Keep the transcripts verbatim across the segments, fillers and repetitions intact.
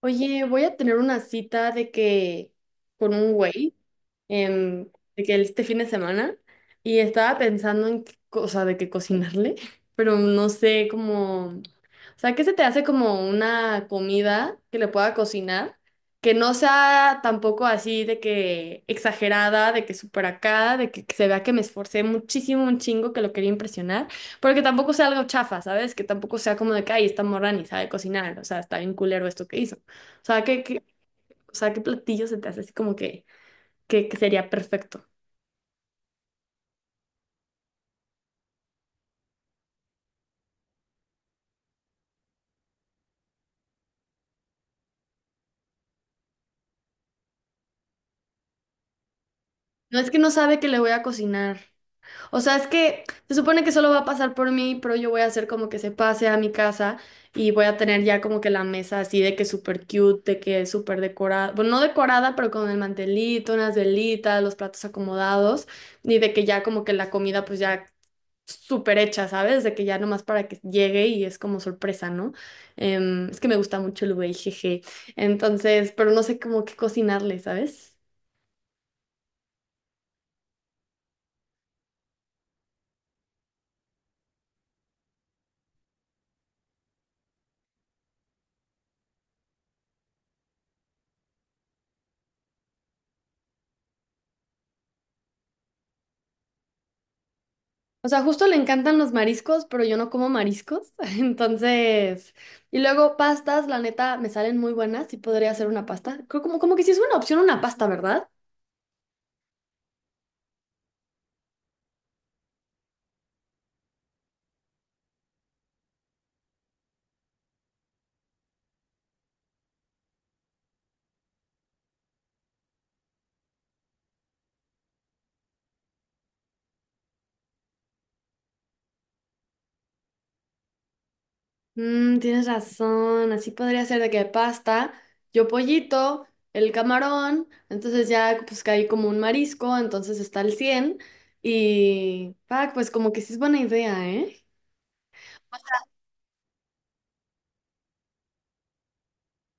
Oye, voy a tener una cita de que con un güey, em, de que este fin de semana, y estaba pensando en qué cosa de que cocinarle, pero no sé cómo, o sea, ¿qué se te hace como una comida que le pueda cocinar? Que no sea tampoco así de que exagerada, de que súper acá, de que se vea que me esforcé muchísimo, un chingo, que lo quería impresionar, pero que tampoco sea algo chafa, ¿sabes? Que tampoco sea como de que, ay, esta morra ni sabe cocinar, o sea, está bien culero esto que hizo. O sea, ¿qué, qué- o sea, qué platillo se te hace así como que, que, que sería perfecto? No es que no sabe que le voy a cocinar. O sea, es que se supone que solo va a pasar por mí, pero yo voy a hacer como que se pase a mi casa y voy a tener ya como que la mesa así de que súper cute, de que súper decorada. Bueno, no decorada, pero con el mantelito, unas velitas, los platos acomodados y de que ya como que la comida pues ya súper hecha, ¿sabes? De que ya nomás para que llegue y es como sorpresa, ¿no? Em, es que me gusta mucho el güey, jeje. Entonces, pero no sé cómo qué cocinarle, ¿sabes? O sea, justo le encantan los mariscos, pero yo no como mariscos. Entonces, y luego pastas, la neta, me salen muy buenas y podría hacer una pasta. Creo como, como que sí es una opción una pasta, ¿verdad? Mm, tienes razón, así podría ser de que pasta, yo pollito, el camarón, entonces ya pues caí como un marisco, entonces está el cien y, fuck, pues como que sí es buena idea, ¿eh?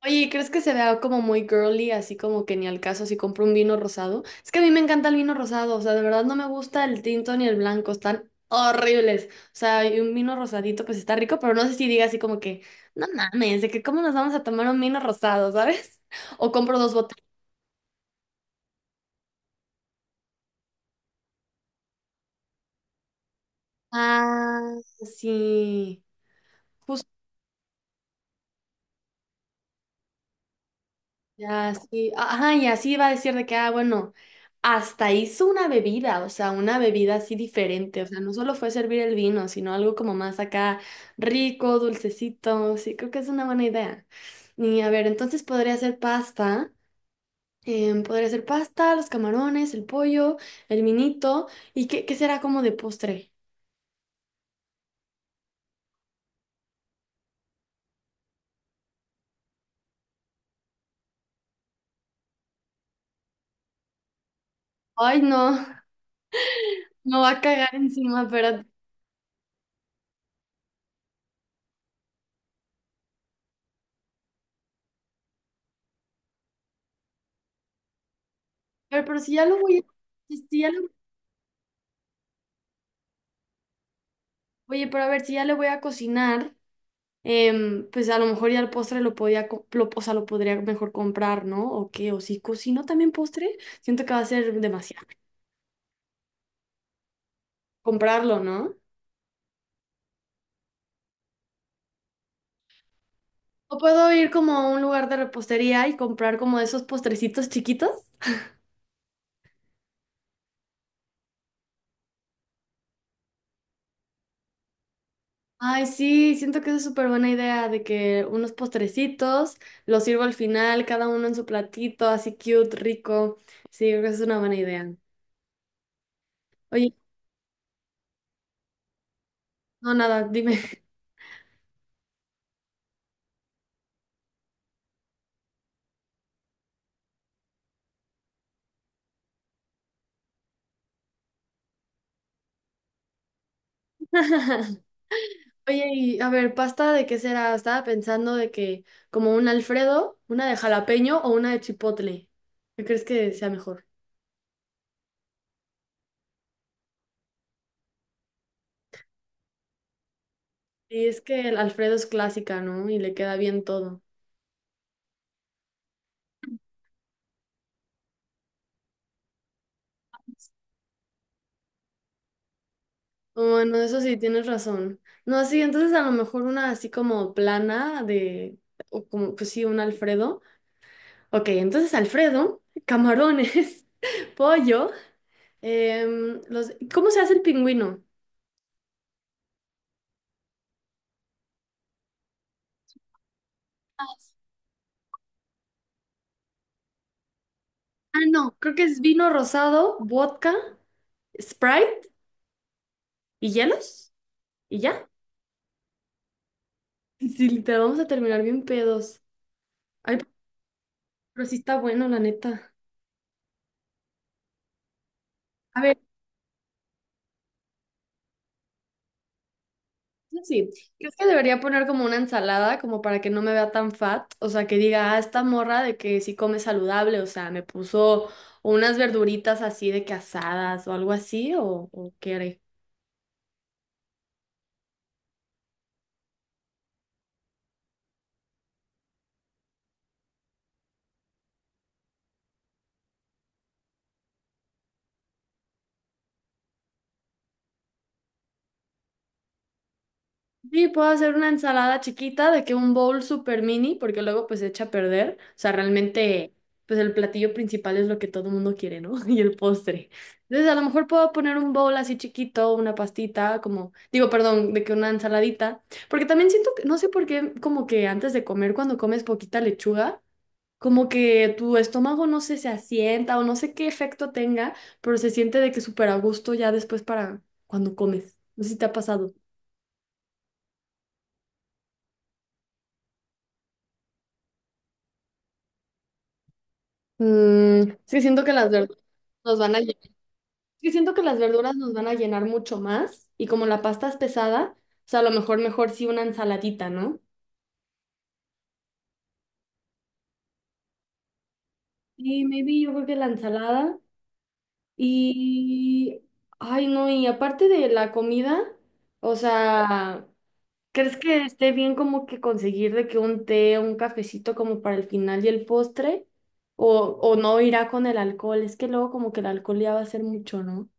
Oye, ¿crees que se vea como muy girly, así como que ni al caso si compro un vino rosado? Es que a mí me encanta el vino rosado, o sea, de verdad no me gusta el tinto ni el blanco, están horribles. O sea, y un vino rosadito pues está rico, pero no sé si diga así como que, no mames, de que cómo nos vamos a tomar un vino rosado, ¿sabes? O compro dos botellas. Ah, sí. Ya, sí. Ajá, y así iba a decir de que, ah, bueno, hasta hizo una bebida, o sea, una bebida así diferente, o sea, no solo fue servir el vino, sino algo como más acá rico, dulcecito, sí, creo que es una buena idea. Y a ver, entonces podría ser pasta, em, podría ser pasta, los camarones, el pollo, el vinito, ¿y qué, qué será como de postre? Ay, no, no va a cagar encima, pero, pero, pero si ya lo voy a, si si ya lo, oye, pero a ver, si ya le voy a cocinar. Em, pues a lo mejor ya el postre lo podía, co- lo, o sea, lo podría mejor comprar, ¿no? O qué, o si cocino también postre, siento que va a ser demasiado. Comprarlo, ¿no? O puedo ir como a un lugar de repostería y comprar como esos postrecitos chiquitos. Ay, sí, siento que es súper buena idea de que unos postrecitos los sirvo al final, cada uno en su platito, así cute, rico. Sí, creo que es una buena idea. Oye, no, nada, dime. Oye, y a ver, ¿pasta de qué será? Estaba pensando de que como un Alfredo, una de jalapeño o una de chipotle. ¿Qué crees que sea mejor? Y es que el Alfredo es clásica, ¿no? Y le queda bien todo. Oh, bueno, eso sí, tienes razón. No, sí, entonces a lo mejor una así como plana de, o como, pues sí, un Alfredo. Ok, entonces Alfredo, camarones, pollo, em, los, ¿cómo se hace el pingüino? Ah, no, creo que es vino rosado, vodka, Sprite. ¿Y hielos? ¿Y ya? Sí, literal, vamos a terminar bien pedos. Ay, pero sí está bueno, la neta. A ver, eso sí, ¿crees que debería poner como una ensalada como para que no me vea tan fat? O sea, que diga, ah, esta morra de que sí come saludable, o sea, me puso unas verduritas así de que asadas o algo así, o, o qué haré? Sí, puedo hacer una ensalada chiquita de que un bowl super mini, porque luego pues se echa a perder. O sea, realmente pues el platillo principal es lo que todo el mundo quiere, ¿no? Y el postre. Entonces a lo mejor puedo poner un bowl así chiquito, una pastita, como, digo, perdón, de que una ensaladita. Porque también siento que, no sé por qué, como que antes de comer, cuando comes poquita lechuga, como que tu estómago no sé, se asienta o no sé qué efecto tenga, pero se siente de que súper a gusto ya después para cuando comes. No sé si te ha pasado. Mm, es que siento que las verduras nos van a llenar, es que siento que las verduras nos van a llenar mucho más y como la pasta es pesada, o sea, a lo mejor mejor sí una ensaladita, ¿no? Sí, maybe yo creo que la ensalada y... Ay, no, y aparte de la comida, o sea, ¿crees que esté bien como que conseguir de que un té o un cafecito como para el final y el postre? O, o no irá con el alcohol, es que luego como que el alcohol ya va a ser mucho, ¿no?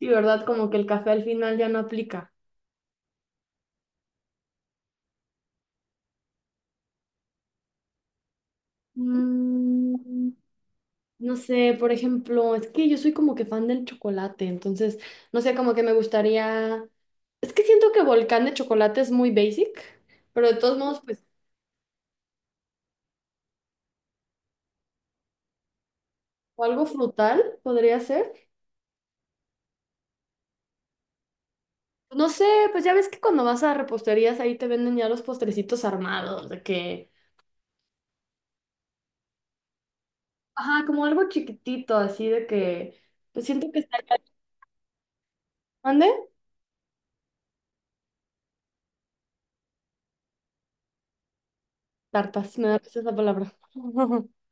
Sí, ¿verdad? Como que el café al final ya no aplica. Mm, no sé, por ejemplo, es que yo soy como que fan del chocolate, entonces, no sé, como que me gustaría... Es que siento que volcán de chocolate es muy basic, pero de todos modos, pues, o algo frutal podría ser. No sé, pues ya ves que cuando vas a reposterías ahí te venden ya los postrecitos armados, de que... Ajá, como algo chiquitito, así de que... Pues siento que estaría... ¿Mande? Tartas, me da risa esa palabra.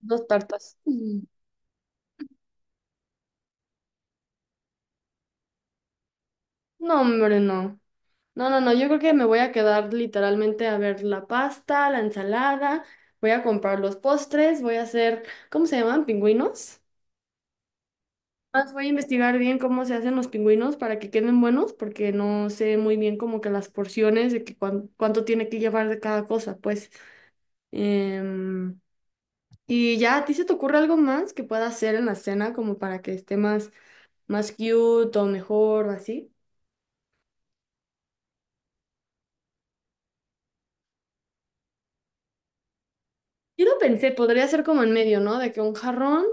Dos tartas. Mm. No, hombre, no. No, no, no, yo creo que me voy a quedar literalmente a ver la pasta, la ensalada, voy a comprar los postres, voy a hacer, ¿cómo se llaman? ¿Pingüinos? Más voy a investigar bien cómo se hacen los pingüinos para que queden buenos, porque no sé muy bien como que las porciones de que cuán- cuánto tiene que llevar de cada cosa, pues. Em, y ya, ¿a ti se te ocurre algo más que pueda hacer en la cena como para que esté más más cute o mejor o así. Yo lo pensé, podría ser como en medio, ¿no? De que un jarrón.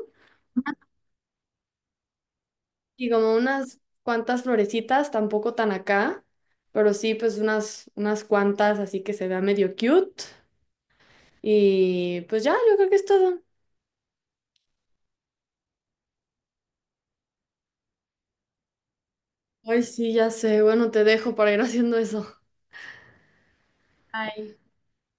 Y como unas cuantas florecitas, tampoco tan acá, pero sí, pues unas, unas cuantas, así que se vea medio cute. Y pues ya, yo creo que es todo. Ay, sí, ya sé. Bueno, te dejo para ir haciendo eso. Ay.